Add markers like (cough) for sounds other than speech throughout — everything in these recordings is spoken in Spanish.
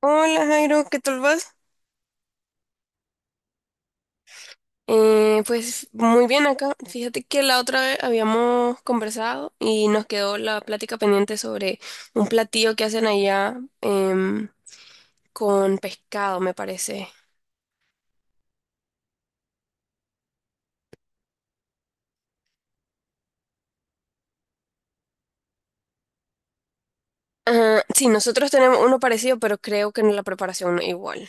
Hola Jairo, ¿qué tal vas? Pues muy bien acá. Fíjate que la otra vez habíamos conversado y nos quedó la plática pendiente sobre un platillo que hacen allá con pescado, me parece. Ah, sí, nosotros tenemos uno parecido, pero creo que la preparación no es igual.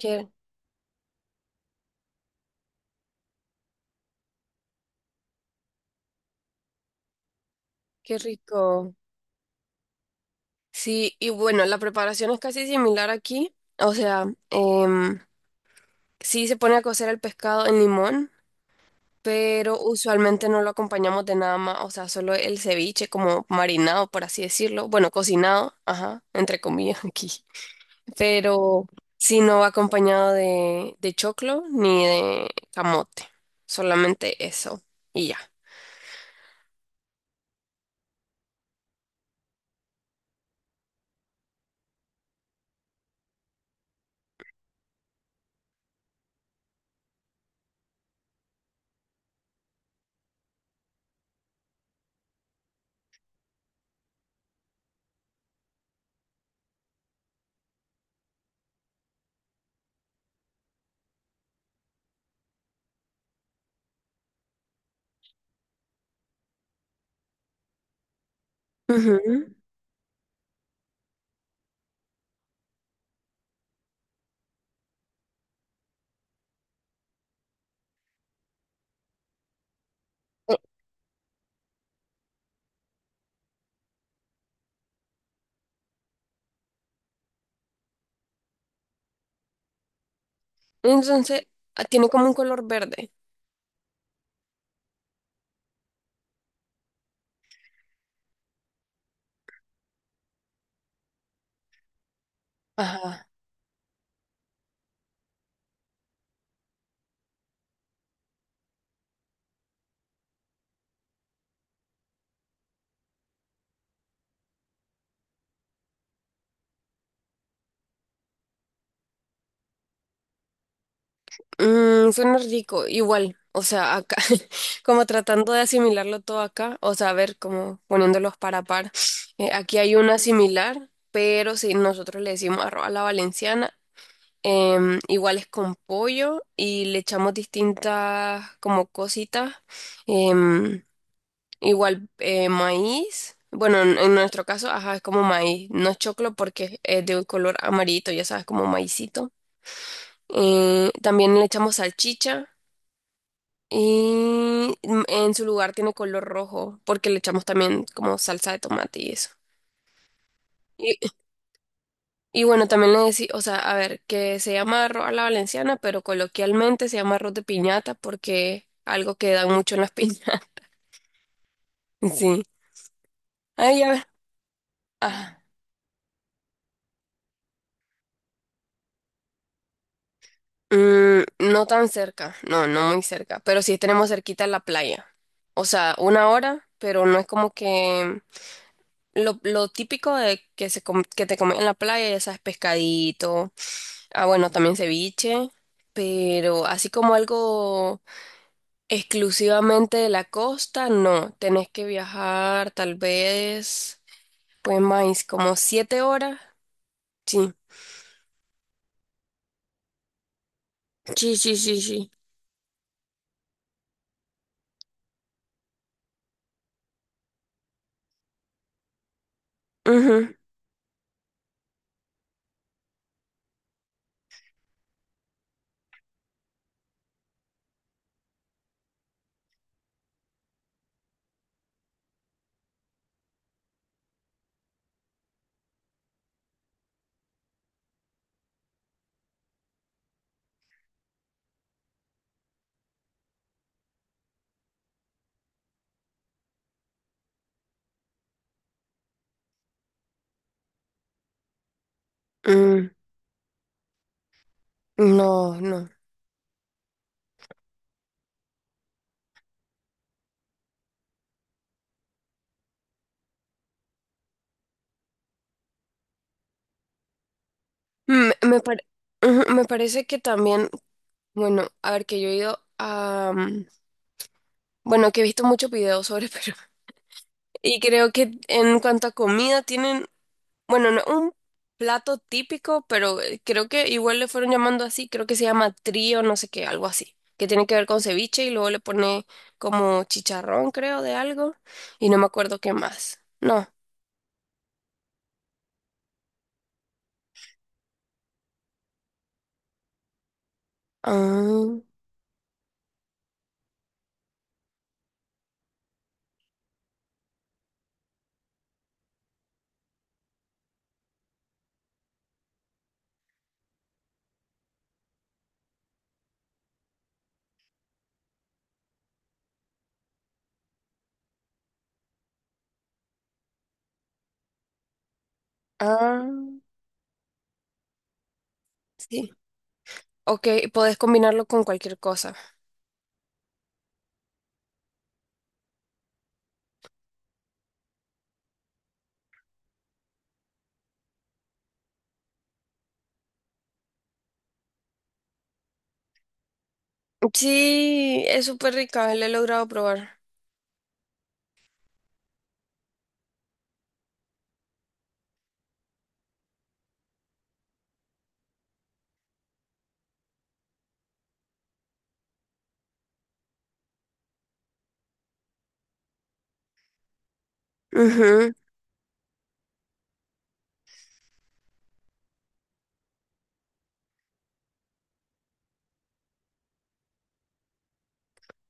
Qué, qué rico. Sí, y bueno, la preparación es casi similar aquí. O sea, em, sí se pone a cocer el pescado en limón, pero usualmente no lo acompañamos de nada más. O sea, solo el ceviche como marinado, por así decirlo, bueno, cocinado, ajá, entre comillas (laughs) aquí, pero si no va acompañado de choclo ni de camote, solamente eso y ya. Ujú. Entonces, ah, tiene como un color verde. Ajá. Mm, suena rico, igual, o sea, acá, (laughs) como tratando de asimilarlo todo acá. O sea, a ver, como poniéndolos para par. Aquí hay una similar, pero si nosotros le decimos arroz a la valenciana, igual es con pollo y le echamos distintas como cositas, em, igual maíz. Bueno, en nuestro caso, ajá, es como maíz, no es choclo porque es de un color amarillito, ya sabes, como maicito. También le echamos salchicha y mm, en su lugar tiene color rojo, porque le echamos también como salsa de tomate y eso. Y, y bueno, también le decía, o sea, a ver, que se llama arroz a la valenciana, pero coloquialmente se llama arroz de piñata porque algo que dan mucho en las piñatas. (laughs) Sí. Ay, ya ver. Ah. Mm, no tan cerca, no, no muy cerca, pero sí tenemos cerquita la playa. O sea, 1 hora, pero no es como que lo típico de que, que te comen en la playa, ya sabes, pescadito. Ah, bueno, también ceviche, pero así como algo exclusivamente de la costa, no. Tenés que viajar tal vez, pues más, como 7 horas. Sí, sí, sí, sí, sí. Ujú. Mm, no, no. Me, me, pare- ujú, me parece que también, bueno, a ver, que yo he ido a... mm, bueno, que he visto muchos videos sobre (laughs) Perú. Y creo que en cuanto a comida, tienen, bueno, no, un plato típico, pero creo que igual le fueron llamando así. Creo que se llama trío, no sé qué, algo así, que tiene que ver con ceviche y luego le pone como chicharrón, creo, de algo, y no me acuerdo qué más. No. Ah, ah, sí. Ok, podés combinarlo con cualquier cosa. Sí, es súper rica, la he logrado probar. Ujú.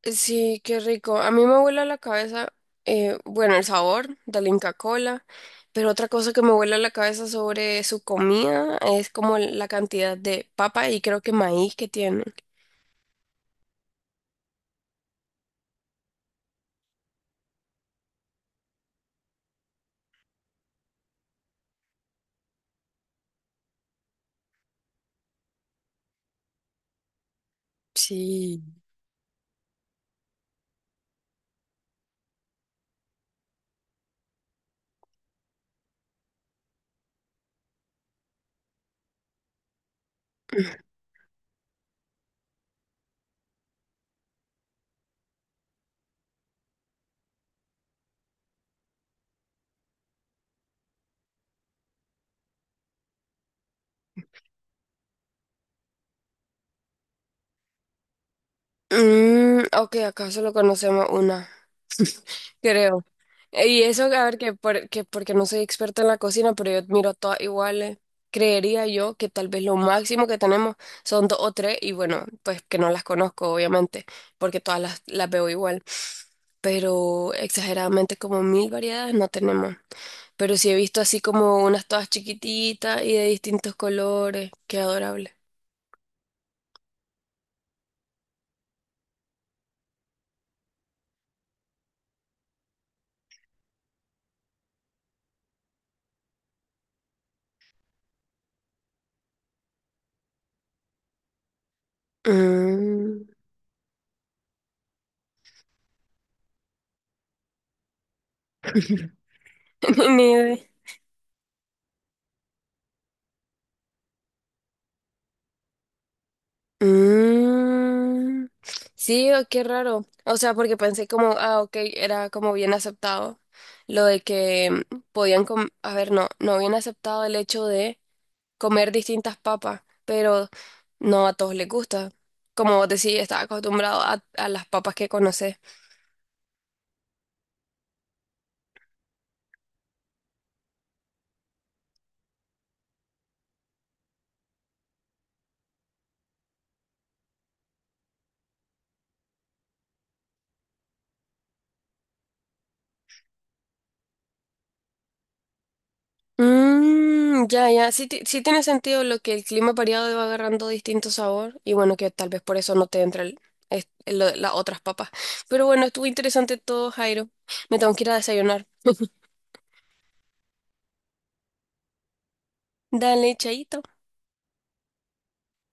Sí, qué rico. A mí me vuela la cabeza, bueno, el sabor de la Inca Kola, pero otra cosa que me vuela la cabeza sobre su comida es como la cantidad de papa y creo que maíz que tienen. Sí. Mm, ok, acá solo conocemos una, creo. Y eso, a ver, que porque no soy experta en la cocina, pero yo miro todas iguales. Creería yo que tal vez lo máximo que tenemos son dos o tres, y bueno, pues que no las conozco, obviamente, porque todas las veo igual. Pero exageradamente como 1000 variedades no tenemos. Pero sí he visto así como unas todas chiquititas y de distintos colores. Qué adorable. Mm. (laughs) Ni idea. Mm, sí, o qué raro. O sea, porque pensé como, ah, ok, era como bien aceptado lo de que mm, a ver, no, no habían aceptado el hecho de comer distintas papas, pero no a todos les gusta. Como vos decís, estás acostumbrado a las papas que conoces. Mm, ya, ya. Sí, sí tiene sentido lo que el clima variado va agarrando distinto sabor. Y bueno, que tal vez por eso no te entra el, las otras papas. Pero bueno, estuvo interesante todo, Jairo. Me tengo que ir a desayunar. Dale, chaito.